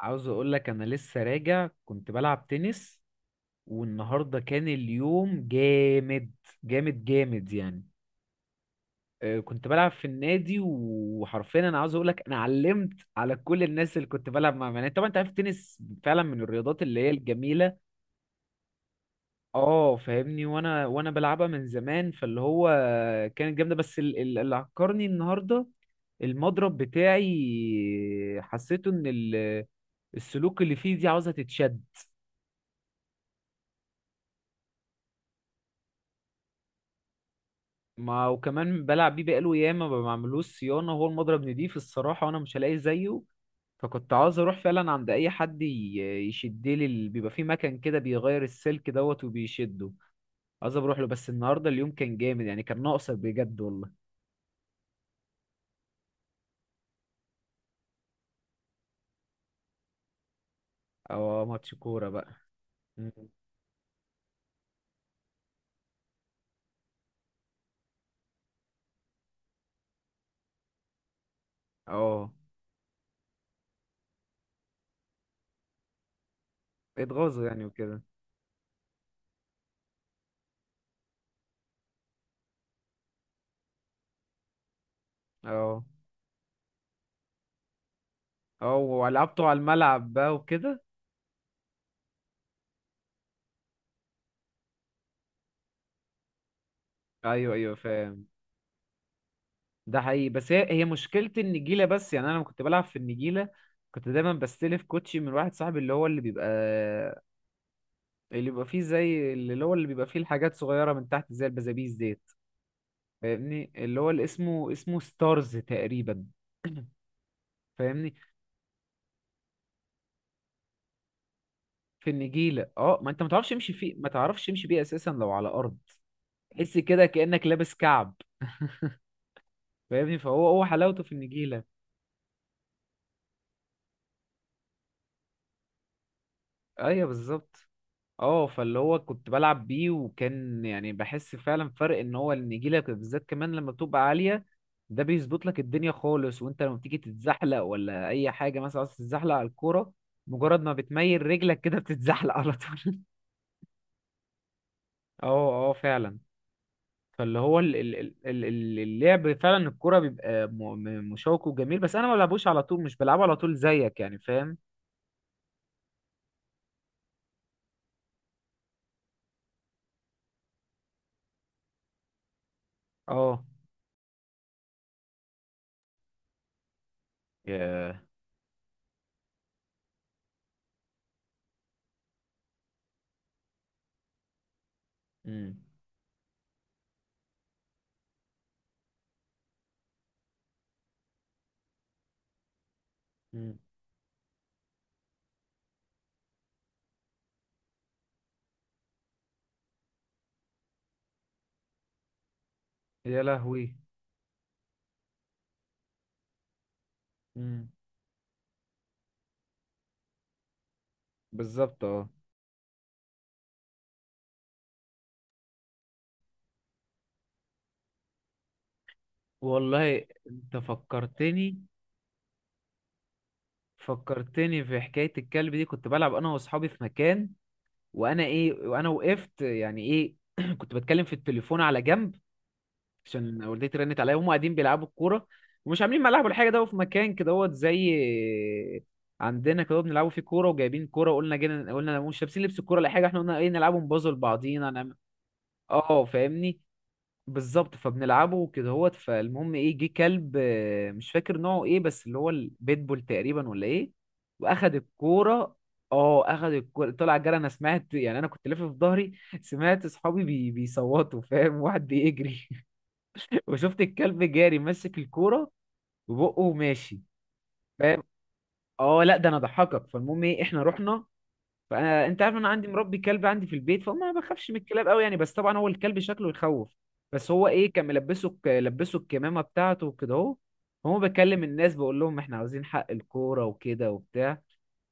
عاوز اقول لك انا لسه راجع، كنت بلعب تنس. والنهارده كان اليوم جامد. جامد جامد يعني. كنت بلعب في النادي، وحرفيا انا عاوز اقول لك انا علمت على كل الناس اللي كنت بلعب معاهم. يعني طبعا انت عارف التنس فعلا من الرياضات اللي هي الجميله. اه فاهمني. وانا بلعبها من زمان، فاللي هو كانت جامده. بس اللي عكرني النهارده، المضرب بتاعي حسيته ان السلوك اللي فيه دي عاوزه تتشد. ما وكمان بلعب بيه بقاله ياما، ما بعملوش صيانة. هو المضرب نضيف الصراحة، وأنا مش هلاقي زيه. فكنت عاوز أروح فعلا عند أي حد يشدلي بيبقى في مكان كده بيغير السلك دوت وبيشده. عاوز أروح له، بس النهاردة اليوم كان جامد يعني. كان ناقصك بجد والله. اه، ماتش كورة بقى. مم. اه، اتغاظوا يعني وكده. اه اه، ولعبته على الملعب بقى وكده. ايوه ايوه، فاهم. ده حقيقي، بس هي مشكلة النجيلة بس. يعني أنا لما كنت بلعب في النجيلة، كنت دايما بستلف كوتشي من واحد صاحبي، اللي هو اللي بيبقى فيه زي اللي بيبقى فيه الحاجات صغيرة من تحت، زي البزابيز ديت. فاهمني، اللي هو اللي اسمه ستارز تقريبا. فاهمني. في النجيلة اه، ما انت ما تعرفش تمشي فيه، ما تعرفش تمشي بيه أساسا لو على أرض. تحس كده كأنك لابس كعب. فاهمني. فهو حلاوته في النجيلة. ايوه بالظبط. اه، فاللي هو كنت بلعب بيه وكان يعني بحس فعلا فرق ان هو النجيله بالذات كمان لما بتبقى عاليه، ده بيظبط لك الدنيا خالص. وانت لما بتيجي تتزحلق ولا اي حاجه، مثلا عايز تتزحلق على الكوره، مجرد ما بتميل رجلك كده بتتزحلق على طول. اه اه فعلا. فاللي هو اللعب فعلا الكوره بيبقى مشوق وجميل. بس انا ما بلعبوش على طول، مش بلعبه على طول زيك يعني، فاهم. اه. ياه. امم امم يا لهوي. امم بالظبط اه. والله انت فكرتني. فكرتني في حكاية الكلب دي. كنت بلعب انا واصحابي في مكان، وانا ايه وانا وقفت يعني ايه كنت بتكلم في التليفون على جنب عشان والدتي رنت عليا. وهم قاعدين بيلعبوا الكورة ومش عاملين ملعب ولا حاجة. ده في مكان كده هو زي عندنا كده بنلعبوا فيه كورة. وجايبين كورة وقلنا جينا قلنا مش لابسين لبس الكورة ولا حاجة. احنا قلنا ايه، نلعبوا نبازل بعضينا نعمل. اه فاهمني. بالظبط، فبنلعبه كده هوت. فالمهم ايه، جه كلب. آه، مش فاكر نوعه ايه، بس اللي هو البيتبول تقريبا ولا ايه. واخد الكوره. اه اخد الكوره، طلع جري. انا سمعت، يعني انا كنت لافف في ظهري، سمعت اصحابي بيصوتوا. فاهم، واحد بيجري. وشفت الكلب جاري ماسك الكوره وبقه ماشي. فاهم. اه لا ده انا ضحكك. فالمهم ايه، احنا رحنا. فانا انت عارف انا عندي مربي كلب عندي في البيت، فما بخافش من الكلاب قوي يعني. بس طبعا هو الكلب شكله يخوف. بس هو ايه، كان لبسه الكمامه بتاعته وكده اهو. هو بكلم الناس بقول لهم احنا عاوزين حق الكوره وكده وبتاع.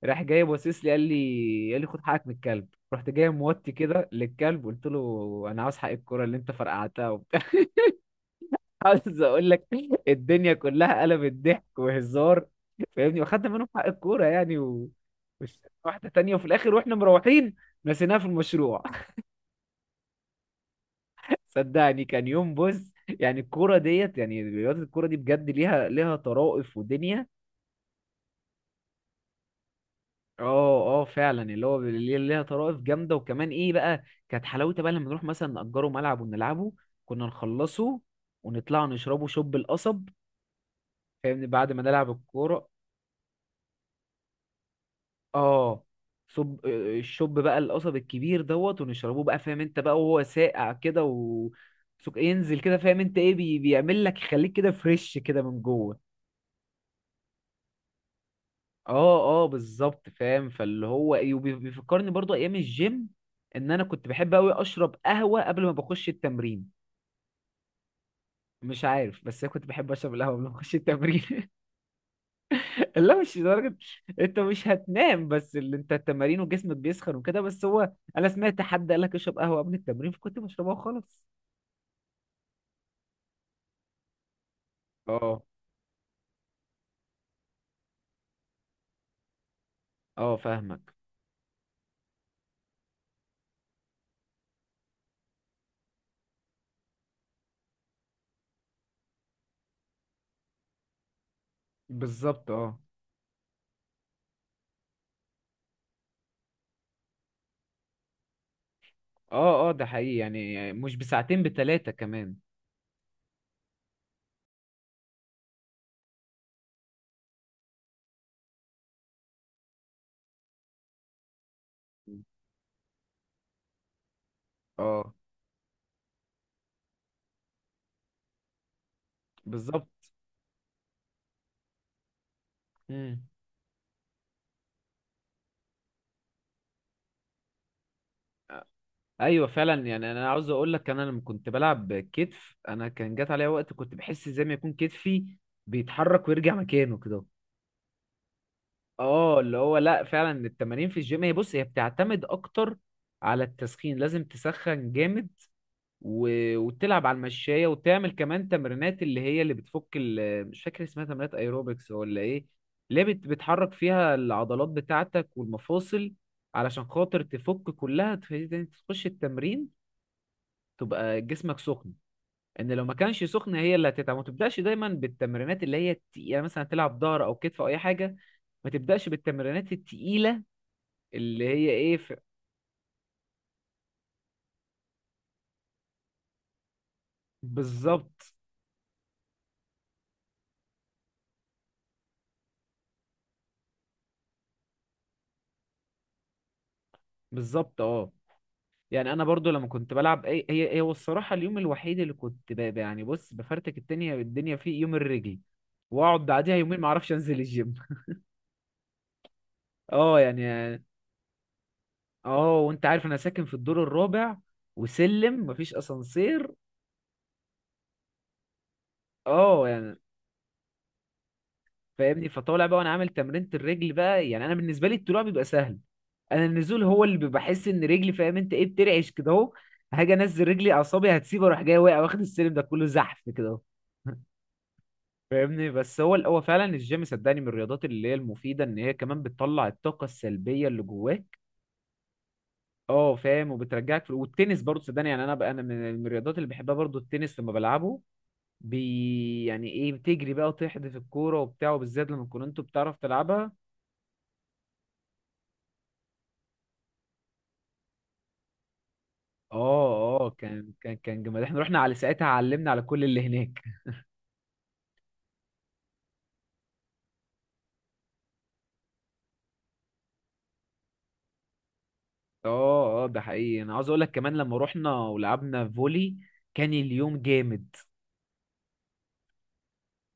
راح جاي باصص لي قال لي خد حقك من الكلب. رحت جاي موطي كده للكلب، قلت له انا عاوز حق الكوره اللي انت فرقعتها. عاوز اقول لك، الدنيا كلها قلبت ضحك وهزار. فاهمني، واخدنا منهم حق الكوره يعني. و... واحده تانية. وفي الاخر واحنا مروحين نسيناها في المشروع. صدقني كان يوم. بص يعني الكوره ديت، يعني رياضه الكوره دي بجد ليها طرائف ودنيا. اه اه فعلا، اللي هو اللي ليها طرائف جامده. وكمان ايه بقى، كانت حلاوتها بقى لما نروح مثلا نأجره ملعب ونلعبه. كنا نخلصه ونطلع نشربه شوب القصب. فاهمني، بعد ما نلعب الكوره اه. صب الشوب بقى القصب الكبير دوت، ونشربوه بقى فاهم انت بقى. وهو ساقع كده و ينزل كده، فاهم انت ايه، بيعمل لك يخليك كده فريش كده من جوه. اه اه بالظبط فاهم. فاللي هو ايه، بيفكرني برضو ايام الجيم ان انا كنت بحب قوي اشرب قهوة قبل ما بخش التمرين. مش عارف، بس انا كنت بحب اشرب القهوة قبل ما اخش التمرين. لا مش لدرجة. انت مش هتنام بس اللي انت التمارين وجسمك بيسخن وكده. بس هو انا سمعت حد قال لك اشرب قهوة قبل التمرين، فكنت بشربها وخلاص. اه اه فاهمك. بالظبط اه. اه اه ده حقيقي، يعني مش بساعتين، بتلاتة كمان. اه بالظبط. امم ايوه فعلا، يعني انا عاوز اقول لك، انا لما كنت بلعب كتف انا كان جات عليا وقت كنت بحس زي ما يكون كتفي بيتحرك ويرجع مكانه كده. اه، اللي هو لا فعلا التمارين في الجيم هي بص هي بتعتمد اكتر على التسخين. لازم تسخن جامد و... وتلعب على المشاية وتعمل كمان تمرينات اللي هي اللي بتفك ال... مش فاكر اسمها، تمرينات ايروبكس ولا ايه. اللي هي بت... بتحرك فيها العضلات بتاعتك والمفاصل، علشان خاطر تفك كلها تخلي تخش التمرين تبقى جسمك سخن. ان لو ما كانش سخن هي اللي هتتعب. ما تبداش دايما بالتمرينات اللي هي التقيله، مثلا تلعب ظهر او كتف او اي حاجه. ما تبداش بالتمرينات التقيله اللي هي ايه ف... بالظبط. بالظبط اه. يعني انا برضو لما كنت بلعب اي هي هو الصراحه، اليوم الوحيد اللي كنت ب... يعني بص بفرتك الدنيا فيه يوم الرجل. واقعد بعديها يومين ما اعرفش انزل الجيم. اه يعني. اه، وانت عارف انا ساكن في الدور الرابع وسلم مفيش اسانسير. اه يعني. فاهمني، فطالع بقى وانا عامل تمرينة الرجل بقى. يعني انا بالنسبه لي الطلوع بيبقى سهل، انا النزول هو اللي بحس ان رجلي فاهم انت ايه بترعش كده اهو. هاجي انزل رجلي اعصابي هتسيب، اروح جاي واقع، واخد السلم ده كله زحف كده اهو. فاهمني. بس هو فعلا الجيم صدقني من الرياضات اللي هي المفيده ان هي كمان بتطلع الطاقه السلبيه اللي جواك. اه فاهم. وبترجعك في... والتنس برضه صدقني، يعني انا بقى انا من الرياضات اللي بحبها برضه التنس. لما بلعبه بي يعني ايه، بتجري بقى وتحدف الكوره وبتاع. وبالذات لما كنت انتوا بتعرف تلعبها. اه اه، كان جمال احنا رحنا على ساعتها علمنا على كل اللي هناك. اه اه ده حقيقي. انا عاوز اقول لك كمان لما رحنا ولعبنا فولي كان اليوم جامد.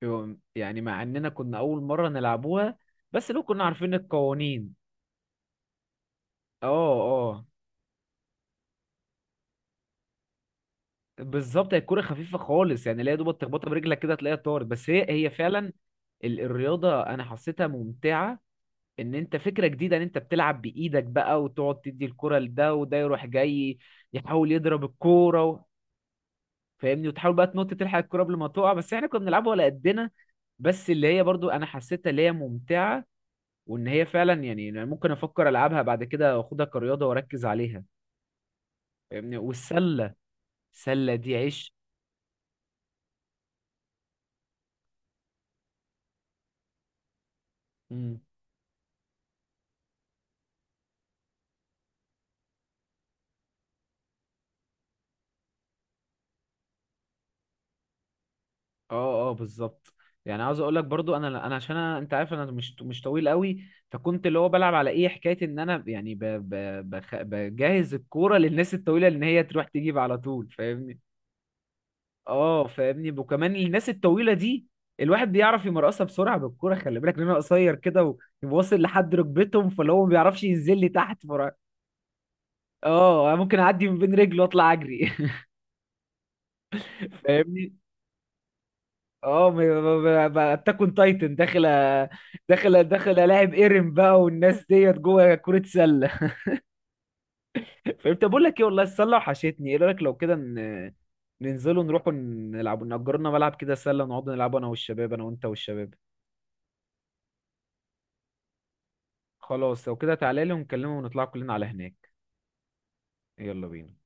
يعني مع اننا كنا اول مره نلعبوها، بس لو كنا عارفين القوانين. اه اه بالظبط، هي الكوره خفيفه خالص يعني. لا يا دوبك تخبطها برجلك كده تلاقيها طارت. بس هي فعلا الرياضه انا حسيتها ممتعه. ان انت فكره جديده ان انت بتلعب بايدك بقى وتقعد تدي الكوره لده وده يروح جاي يحاول يضرب الكوره. فاهمني، وتحاول بقى تنط تلحق الكرة قبل ما تقع. بس احنا كنا بنلعبها ولا قدنا. بس اللي هي برضو انا حسيتها اللي هي ممتعة، وان هي فعلا، يعني أنا ممكن افكر العبها بعد كده واخدها كرياضة واركز عليها. فاهمني والسلة. السلة دي عيش. مم. اه اه بالظبط. يعني عاوز اقول لك برضو انا عشان أنا انت عارف انا مش طويل قوي. فكنت اللي هو بلعب على ايه حكاية ان انا يعني بجهز الكورة للناس الطويلة ان هي تروح تجيب على طول فاهمني. اه فاهمني، وكمان الناس الطويله دي الواحد بيعرف يمرقصها بسرعه بالكوره، خلي بالك لان انا قصير كده وواصل لحد ركبتهم. فاللي هو ما بيعرفش ينزل لي تحت فرا. اه ممكن اعدي من بين رجله واطلع اجري. فاهمني. اه. بتكون تايتن داخل داخل الاعب ايرن بقى والناس ديت جوه كرة سلة. فانت بقول لك ايه، والله السلة وحشتني. ايه رأيك لو كده ننزلوا نروحوا نلعبوا نأجرنا ملعب كده سلة نقعد نلعبوا انا والشباب، انا وانت والشباب. خلاص لو كده تعالى لي ونكلمه ونطلع كلنا على هناك. يلا بينا.